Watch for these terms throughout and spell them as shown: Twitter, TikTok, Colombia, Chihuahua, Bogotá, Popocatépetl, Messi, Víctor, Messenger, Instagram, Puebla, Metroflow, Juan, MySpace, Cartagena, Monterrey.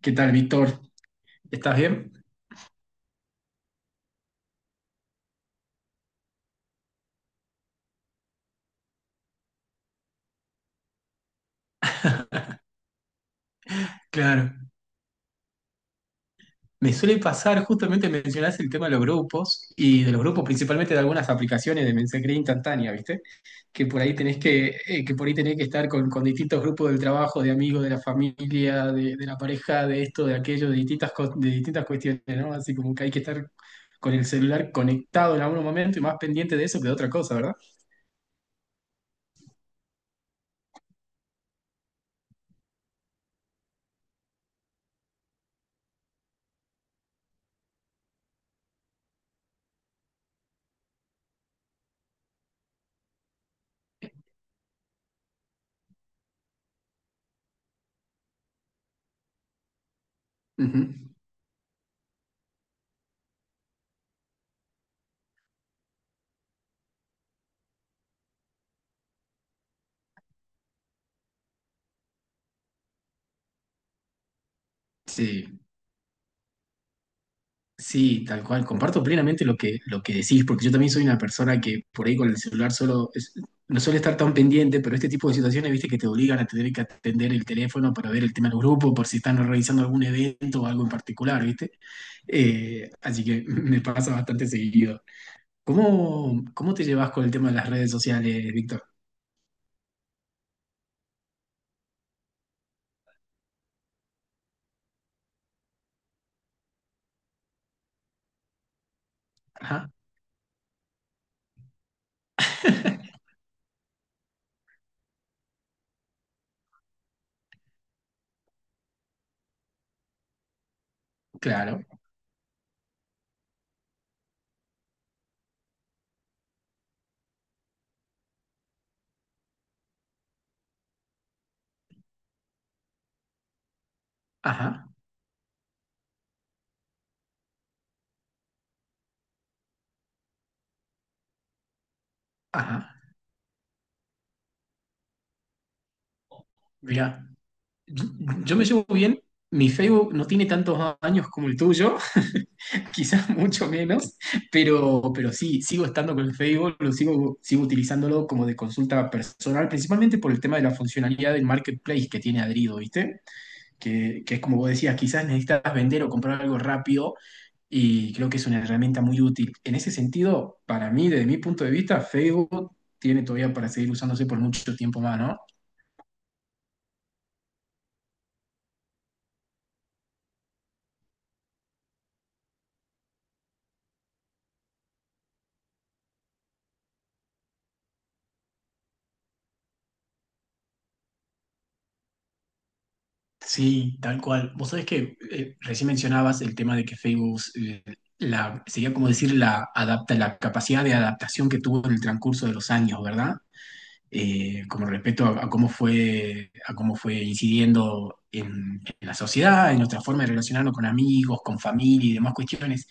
¿Qué tal, Víctor? ¿Estás bien? Claro. Me suele pasar, justamente mencionaste el tema de los grupos y de los grupos principalmente de algunas aplicaciones de mensajería instantánea, ¿viste? Que por ahí tenés que por ahí tenés que estar con distintos grupos del trabajo, de amigos, de la familia, de la pareja, de esto, de aquello, de distintas, de distintas cuestiones, ¿no? Así como que hay que estar con el celular conectado en algún momento y más pendiente de eso que de otra cosa, ¿verdad? Ujú. Sí. Sí, tal cual. Comparto plenamente lo que decís, porque yo también soy una persona que por ahí con el celular no suele estar tan pendiente, pero este tipo de situaciones, viste, que te obligan a tener que atender el teléfono para ver el tema del grupo, por si están realizando algún evento o algo en particular, viste. Así que me pasa bastante seguido. ¿Cómo te llevas con el tema de las redes sociales, Víctor? Ajá, claro. Ajá, ajá. Mira. Yo yo me llevo bien, mi Facebook no tiene tantos años como el tuyo, quizás mucho menos, pero sí, sigo estando con el Facebook, sigo utilizándolo como de consulta personal, principalmente por el tema de la funcionalidad del marketplace que tiene adherido, ¿viste? Que es como vos decías, quizás necesitas vender o comprar algo rápido y creo que es una herramienta muy útil. En ese sentido, para mí, desde mi punto de vista, Facebook tiene todavía para seguir usándose por mucho tiempo más, ¿no? Sí, tal cual. Vos sabés que recién mencionabas el tema de que Facebook, sería como decir la capacidad de adaptación que tuvo en el transcurso de los años, ¿verdad? Eh, como respecto a, cómo fue, a cómo fue incidiendo en la sociedad, en nuestra forma de relacionarnos con amigos, con familia y demás cuestiones.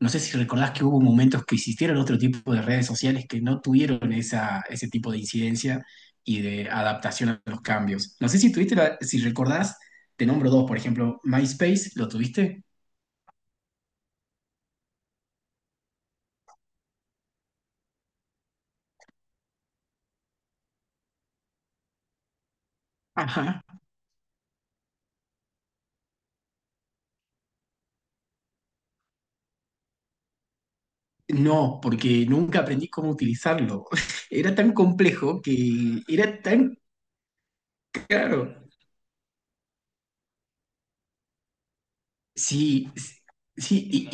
No sé si recordás que hubo momentos que existieron otro tipo de redes sociales que no tuvieron ese tipo de incidencia y de adaptación a los cambios. No sé si tuviste, si recordás, te nombro dos, por ejemplo, MySpace, ¿lo tuviste? Ajá. No, porque nunca aprendí cómo utilizarlo. Era tan complejo que era tan caro. Sí, sí, sí, y,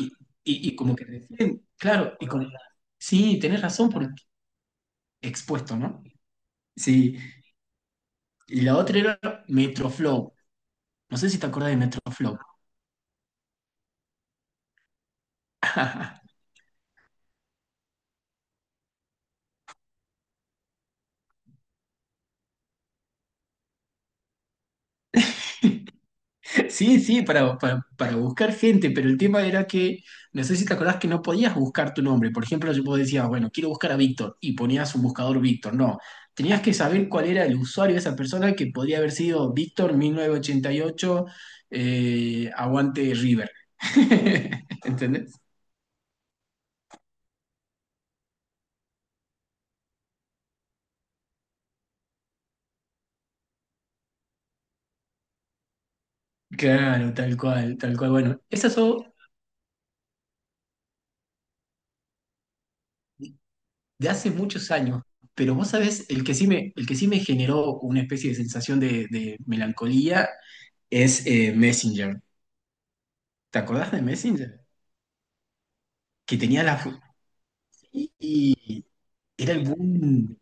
y- y- y como que recién, claro, y como, sí, tenés razón por expuesto, ¿no? Sí, y la otra era Metroflow. No sé si te acordás de Metroflow. Sí, sí, para buscar gente, pero el tema era que, no sé si te acordás que no podías buscar tu nombre. Por ejemplo, yo vos decías, bueno, quiero buscar a Víctor y ponías un buscador Víctor. No, tenías que saber cuál era el usuario de esa persona que podría haber sido Víctor 1988, aguante River. ¿Entendés? Claro, tal cual, tal cual. Bueno, esas son de hace muchos años, pero vos sabés, el que sí me generó una especie de sensación de melancolía es Messenger. ¿Te acordás de Messenger? Que tenía la... Y era el boom.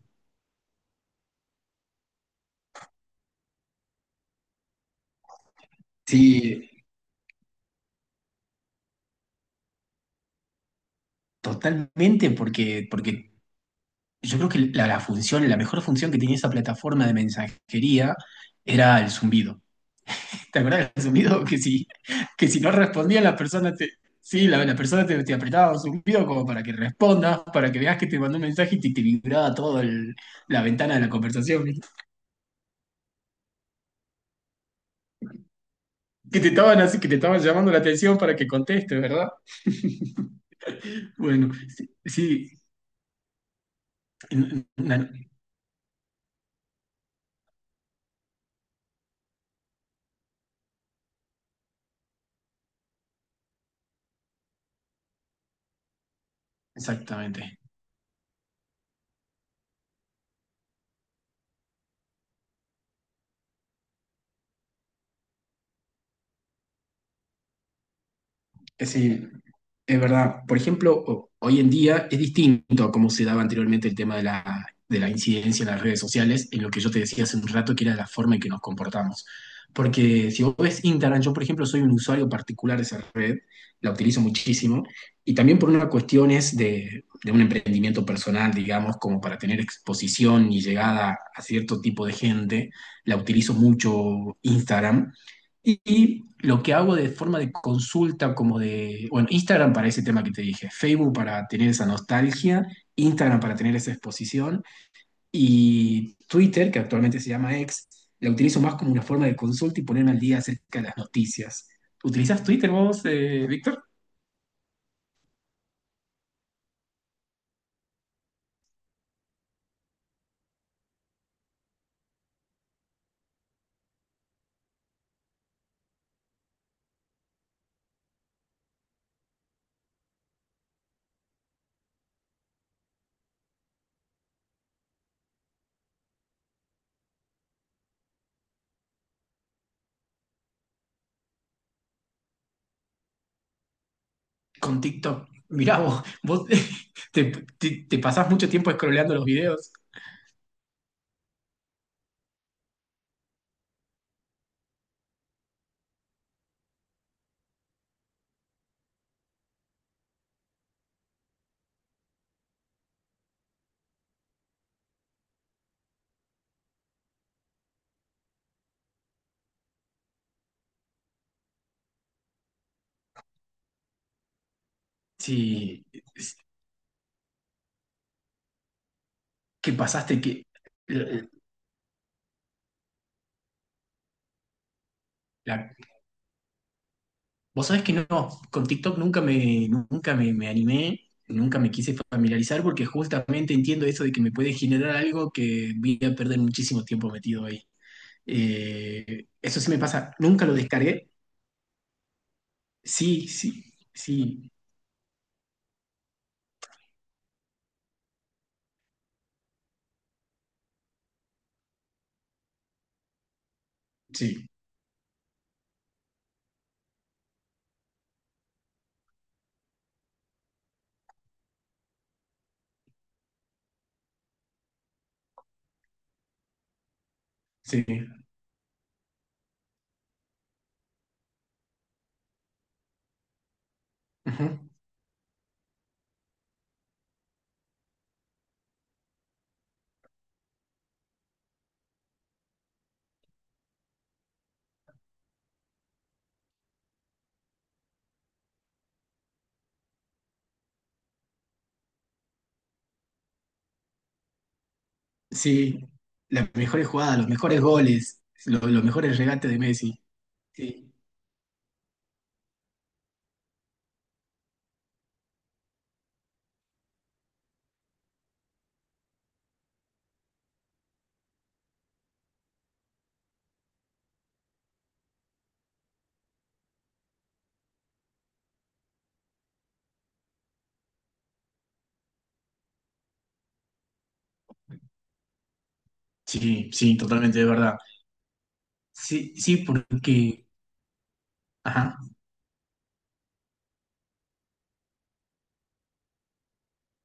Sí, totalmente, porque yo creo que la función, la mejor función que tenía esa plataforma de mensajería era el zumbido. ¿Te acuerdas del zumbido? Que si no respondía la persona te... Sí, la persona te apretaba un zumbido como para que respondas, para que veas que te mandó un mensaje te vibraba toda la ventana de la conversación. Que te estaban así, que te estaban llamando la atención para que contestes, ¿verdad? Bueno, sí, sí, n- n- exactamente. Es decir, es verdad. Por ejemplo, hoy en día es distinto a cómo se daba anteriormente el tema de de la incidencia en las redes sociales, en lo que yo te decía hace un rato, que era la forma en que nos comportamos. Porque si vos ves Instagram, yo por ejemplo soy un usuario particular de esa red, la utilizo muchísimo, y también por una cuestión es de un emprendimiento personal, digamos, como para tener exposición y llegada a cierto tipo de gente, la utilizo mucho Instagram y lo que hago de forma de consulta, como de, bueno, Instagram para ese tema que te dije, Facebook para tener esa nostalgia, Instagram para tener esa exposición y Twitter, que actualmente se llama X, la utilizo más como una forma de consulta y ponerme al día acerca de las noticias. ¿Utilizas Twitter vos, Víctor? Con TikTok. Mirá vos, vos te, te pasás mucho tiempo scrolleando los videos. Sí, es que pasaste que la, vos sabés que no, con TikTok nunca me, nunca me, me animé, nunca me quise familiarizar porque justamente entiendo eso de que me puede generar algo que voy a perder muchísimo tiempo metido ahí. Eso sí me pasa, nunca lo descargué. Sí, sí, sí, sí, sí. Ujú. Sí, las mejores jugadas, los mejores goles, los mejores regates de Messi. Sí, sí, sí, totalmente de verdad. Sí, sí, porque... Ajá.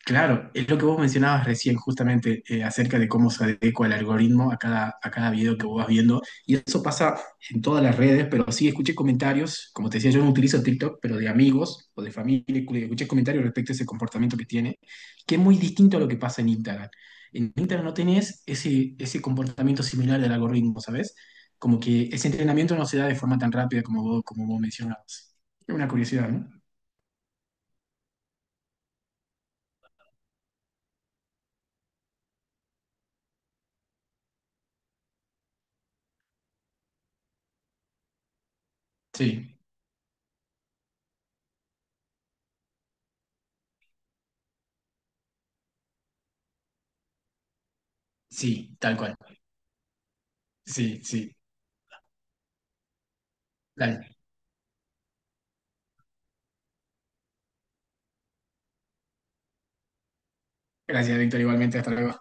Claro, es lo que vos mencionabas recién justamente acerca de cómo se adecua el algoritmo a cada video que vos vas viendo. Y eso pasa en todas las redes, pero sí escuché comentarios, como te decía, yo no utilizo TikTok, pero de amigos o de familia, que escuché comentarios respecto a ese comportamiento que tiene, que es muy distinto a lo que pasa en Instagram. En Instagram no tenés ese comportamiento similar del algoritmo, ¿sabes? Como que ese entrenamiento no se da de forma tan rápida como vos mencionabas. Es una curiosidad, ¿no? Sí, sí, tal cual. Sí, sí. Dale. Gracias, Víctor, igualmente. Hasta luego.